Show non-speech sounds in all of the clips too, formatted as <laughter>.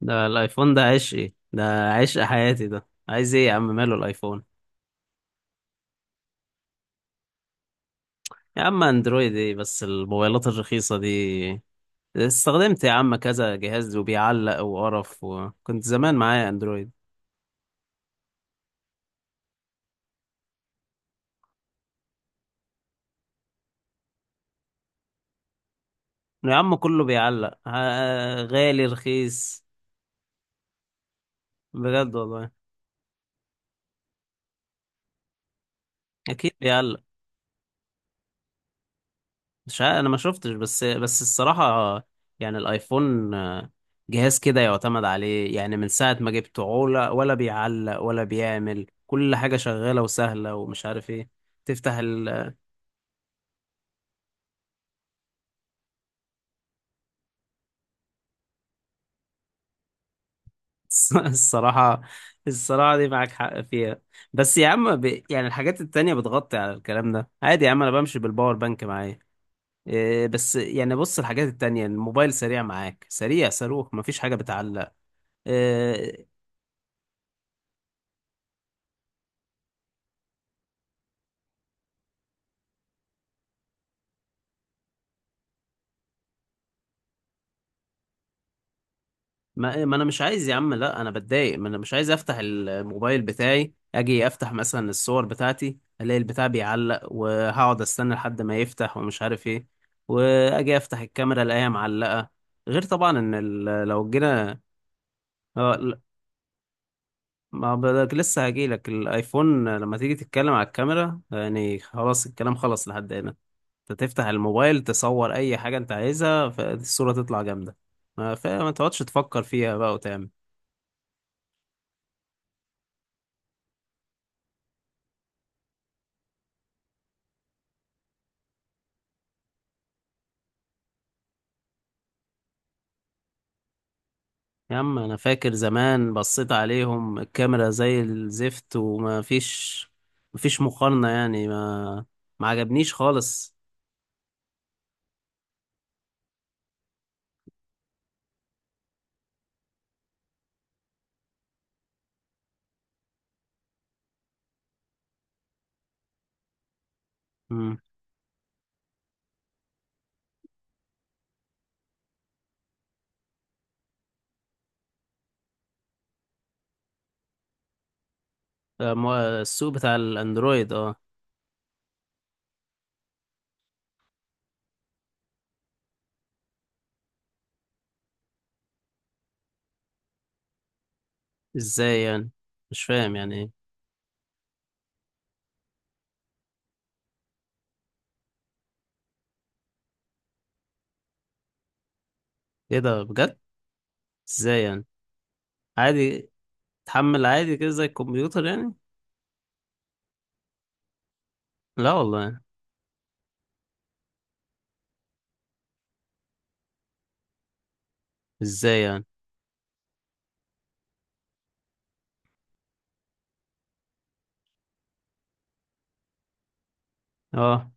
ده الايفون ده عشقي، ده عشق حياتي. ده عايز ايه يا عم؟ ماله الايفون؟ يا عم اندرويد ايه بس؟ الموبايلات الرخيصة دي استخدمت يا عم كذا جهاز وبيعلق وقرف، وكنت زمان معايا اندرويد. يا عم كله بيعلق، غالي رخيص. بجد والله اكيد بيعلق. مش عارف، انا ما شفتش بس الصراحة. يعني الايفون، جهاز كده يعتمد عليه. يعني من ساعة ما جبته عولة، ولا بيعلق ولا بيعمل، كل حاجة شغالة وسهلة ومش عارف ايه. تفتح ال... <laughs> الصراحة، الصراحة دي معاك حق فيها. بس يا عم يعني الحاجات التانية بتغطي على الكلام ده. عادي يا عم، انا بمشي بالباور بانك معايا. إيه بس يعني بص، الحاجات التانية الموبايل سريع معاك، سريع صاروخ، مفيش حاجة بتعلق. آه، ما انا مش عايز يا عم. لا انا بتضايق، ما انا مش عايز افتح الموبايل بتاعي اجي افتح مثلا الصور بتاعتي الاقي البتاع بيعلق وهقعد استنى لحد ما يفتح ومش عارف ايه. واجي افتح الكاميرا الاقيها معلقة. غير طبعا ان لو جينا. لا، ما بدك لسه هجيلك الايفون لما تيجي تتكلم على الكاميرا. يعني خلاص الكلام خلص لحد هنا. انت تفتح الموبايل تصور اي حاجة انت عايزها، فالصورة تطلع جامدة. ما فما تقعدش تفكر فيها بقى وتعمل. يا عم انا فاكر زمان بصيت عليهم، الكاميرا زي الزفت وما فيش، ما فيش مقارنة. ما عجبنيش خالص. مم. ده السوق بتاع الاندرويد اه. ازاي يعني؟ مش فاهم يعني ايه. ايه ده بجد؟ ازاي يعني؟ عادي تحمل عادي كده زي الكمبيوتر يعني؟ لا والله. ازاي يعني؟ اه.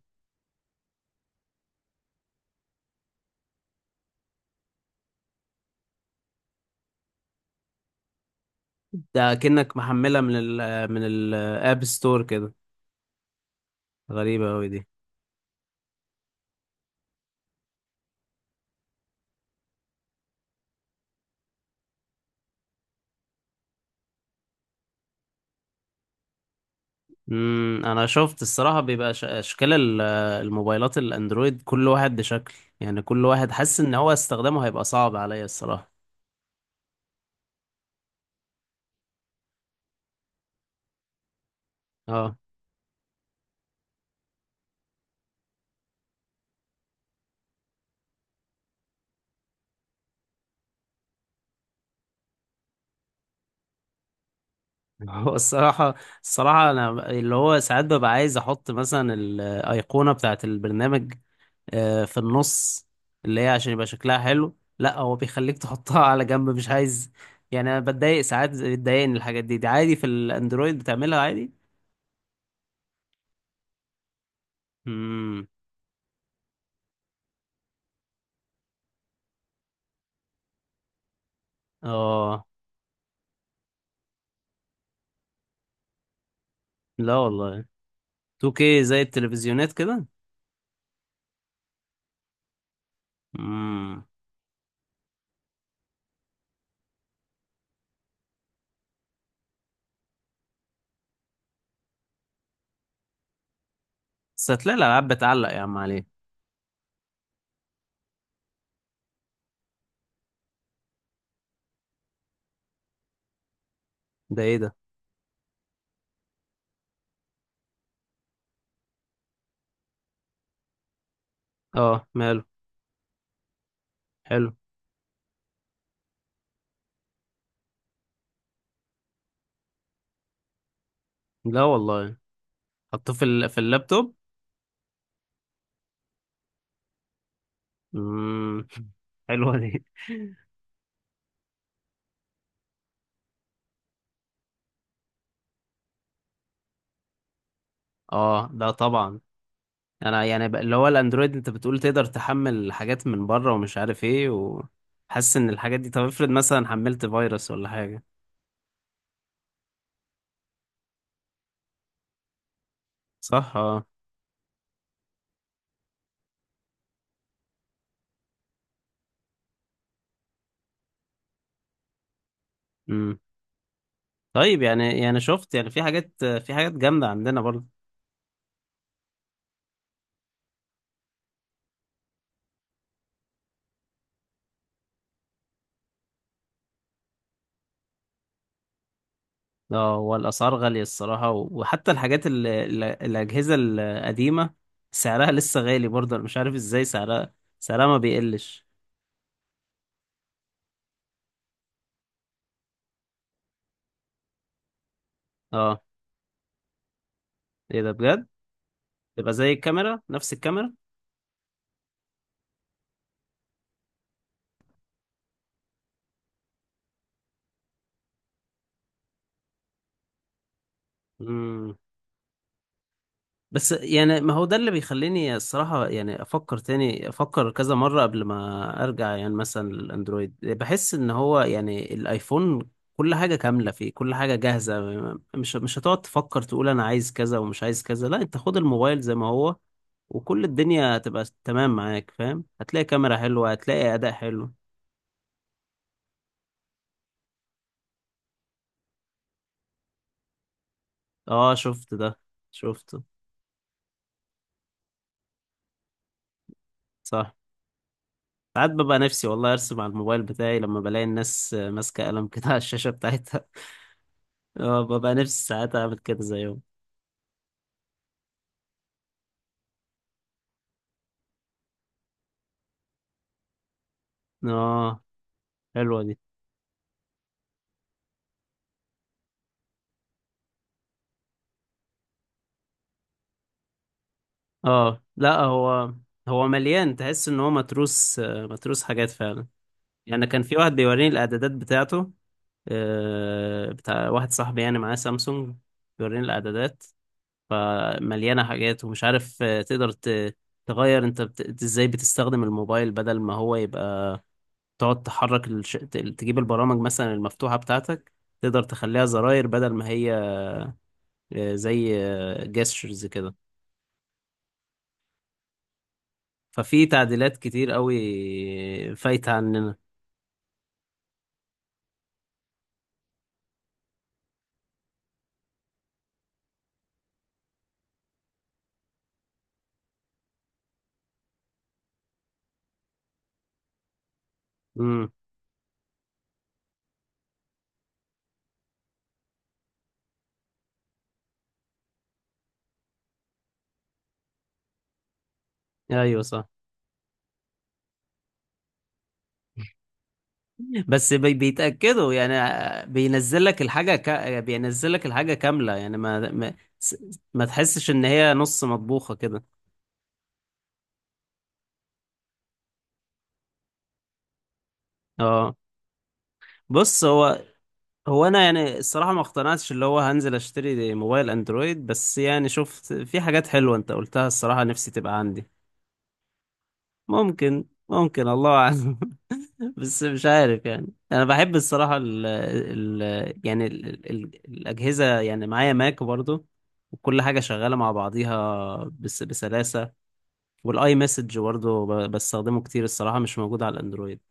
ده كأنك محملها من ال من الاب ستور كده. غريبة اوي دي. امم، انا شفت الصراحه بيبقى اشكال الموبايلات الاندرويد كل واحد بشكل. يعني كل واحد حاسس ان هو استخدامه هيبقى صعب عليا الصراحه. اه. <laughs> هو الصراحه، الصراحه انا اللي هو ساعات ببقى عايز احط مثلا الايقونه بتاعه البرنامج، في النص، اللي هي عشان يبقى شكلها حلو. لا هو بيخليك تحطها على جنب، مش عايز. يعني انا بتضايق ساعات، بتضايقني الحاجات دي. دي عادي في الاندرويد بتعملها عادي. امم. اه. لا والله. 2K، زي التلفزيونات كده. امم. بس هتلاقي الالعاب بتعلق يا عم عليه. ده ايه ده؟ اه ماله. حلو. لا والله. حطوه في اللابتوب؟ امم. <laughs> حلوه دي. اه ده طبعا. انا يعني بقى اللي هو الاندرويد انت بتقول تقدر تحمل حاجات من بره ومش عارف ايه، وحاسس ان الحاجات دي، طب افرض مثلا حملت فيروس ولا حاجه. صح اه. امم. طيب يعني شفت يعني في حاجات، في حاجات جامده عندنا برضه. اه هو الاسعار غاليه الصراحه وحتى الحاجات ال ال الاجهزه القديمه سعرها لسه غالي برضه، انا مش عارف ازاي سعرها، سعرها ما بيقلش. اه. ايه ده بجد؟ تبقى زي الكاميرا، نفس الكاميرا. بس يعني ما هو ده اللي بيخليني الصراحة يعني أفكر تاني، أفكر كذا مرة قبل ما أرجع يعني مثلا للأندرويد. بحس إن هو يعني الآيفون كل حاجة كاملة فيه، كل حاجة جاهزة. مش هتقعد تفكر تقول أنا عايز كذا ومش عايز كذا. لا، أنت خد الموبايل زي ما هو وكل الدنيا هتبقى تمام معاك، فاهم؟ هتلاقي كاميرا حلوة، هتلاقي أداء حلو. أه شفت ده. شفته. صح. ساعات ببقى نفسي والله أرسم على الموبايل بتاعي لما بلاقي الناس ماسكة قلم كده على الشاشة بتاعتها. اه ببقى نفسي ساعات اعمل كده زيهم. اه، حلوة دي. اه لا هو، هو مليان، تحس ان هو متروس، متروس حاجات فعلا. يعني كان في واحد بيوريني الاعدادات بتاعته، بتاع واحد صاحبي يعني معاه سامسونج، بيوريني الاعدادات فمليانة حاجات ومش عارف. تقدر تغير انت إنت ازاي بتستخدم الموبايل بدل ما هو يبقى تقعد تحرك تجيب البرامج مثلا المفتوحة بتاعتك، تقدر تخليها زراير بدل ما هي زي جيسترز كده. ففي تعديلات كتير قوي فايتة عننا. امم. ايوه صح. بس بيتأكدوا يعني، بينزل لك الحاجة كاملة يعني ما تحسش ان هي نص مطبوخة كده. اه. بص هو، هو انا يعني الصراحة ما اقتنعتش اللي هو هنزل اشتري موبايل اندرويد، بس يعني شفت في حاجات حلوة انت قلتها الصراحة نفسي تبقى عندي. ممكن، ممكن، الله اعلم. بس مش عارف يعني. انا بحب الصراحه ال ال يعني ال ال الاجهزه، يعني معايا ماك برضو وكل حاجه شغاله مع بعضيها بس بسلاسه. والاي مسج برضو بستخدمه كتير الصراحه، مش موجود على الاندرويد.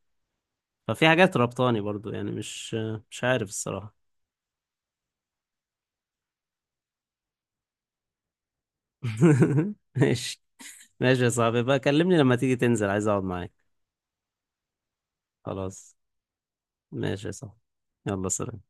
ففي حاجات ربطاني برضو. مش عارف الصراحه. <laughs> ماشي. ماشي يا صاحبي، بقى كلمني لما تيجي تنزل عايز اقعد معاك. خلاص، ماشي يا صاحبي. يلا، سلام.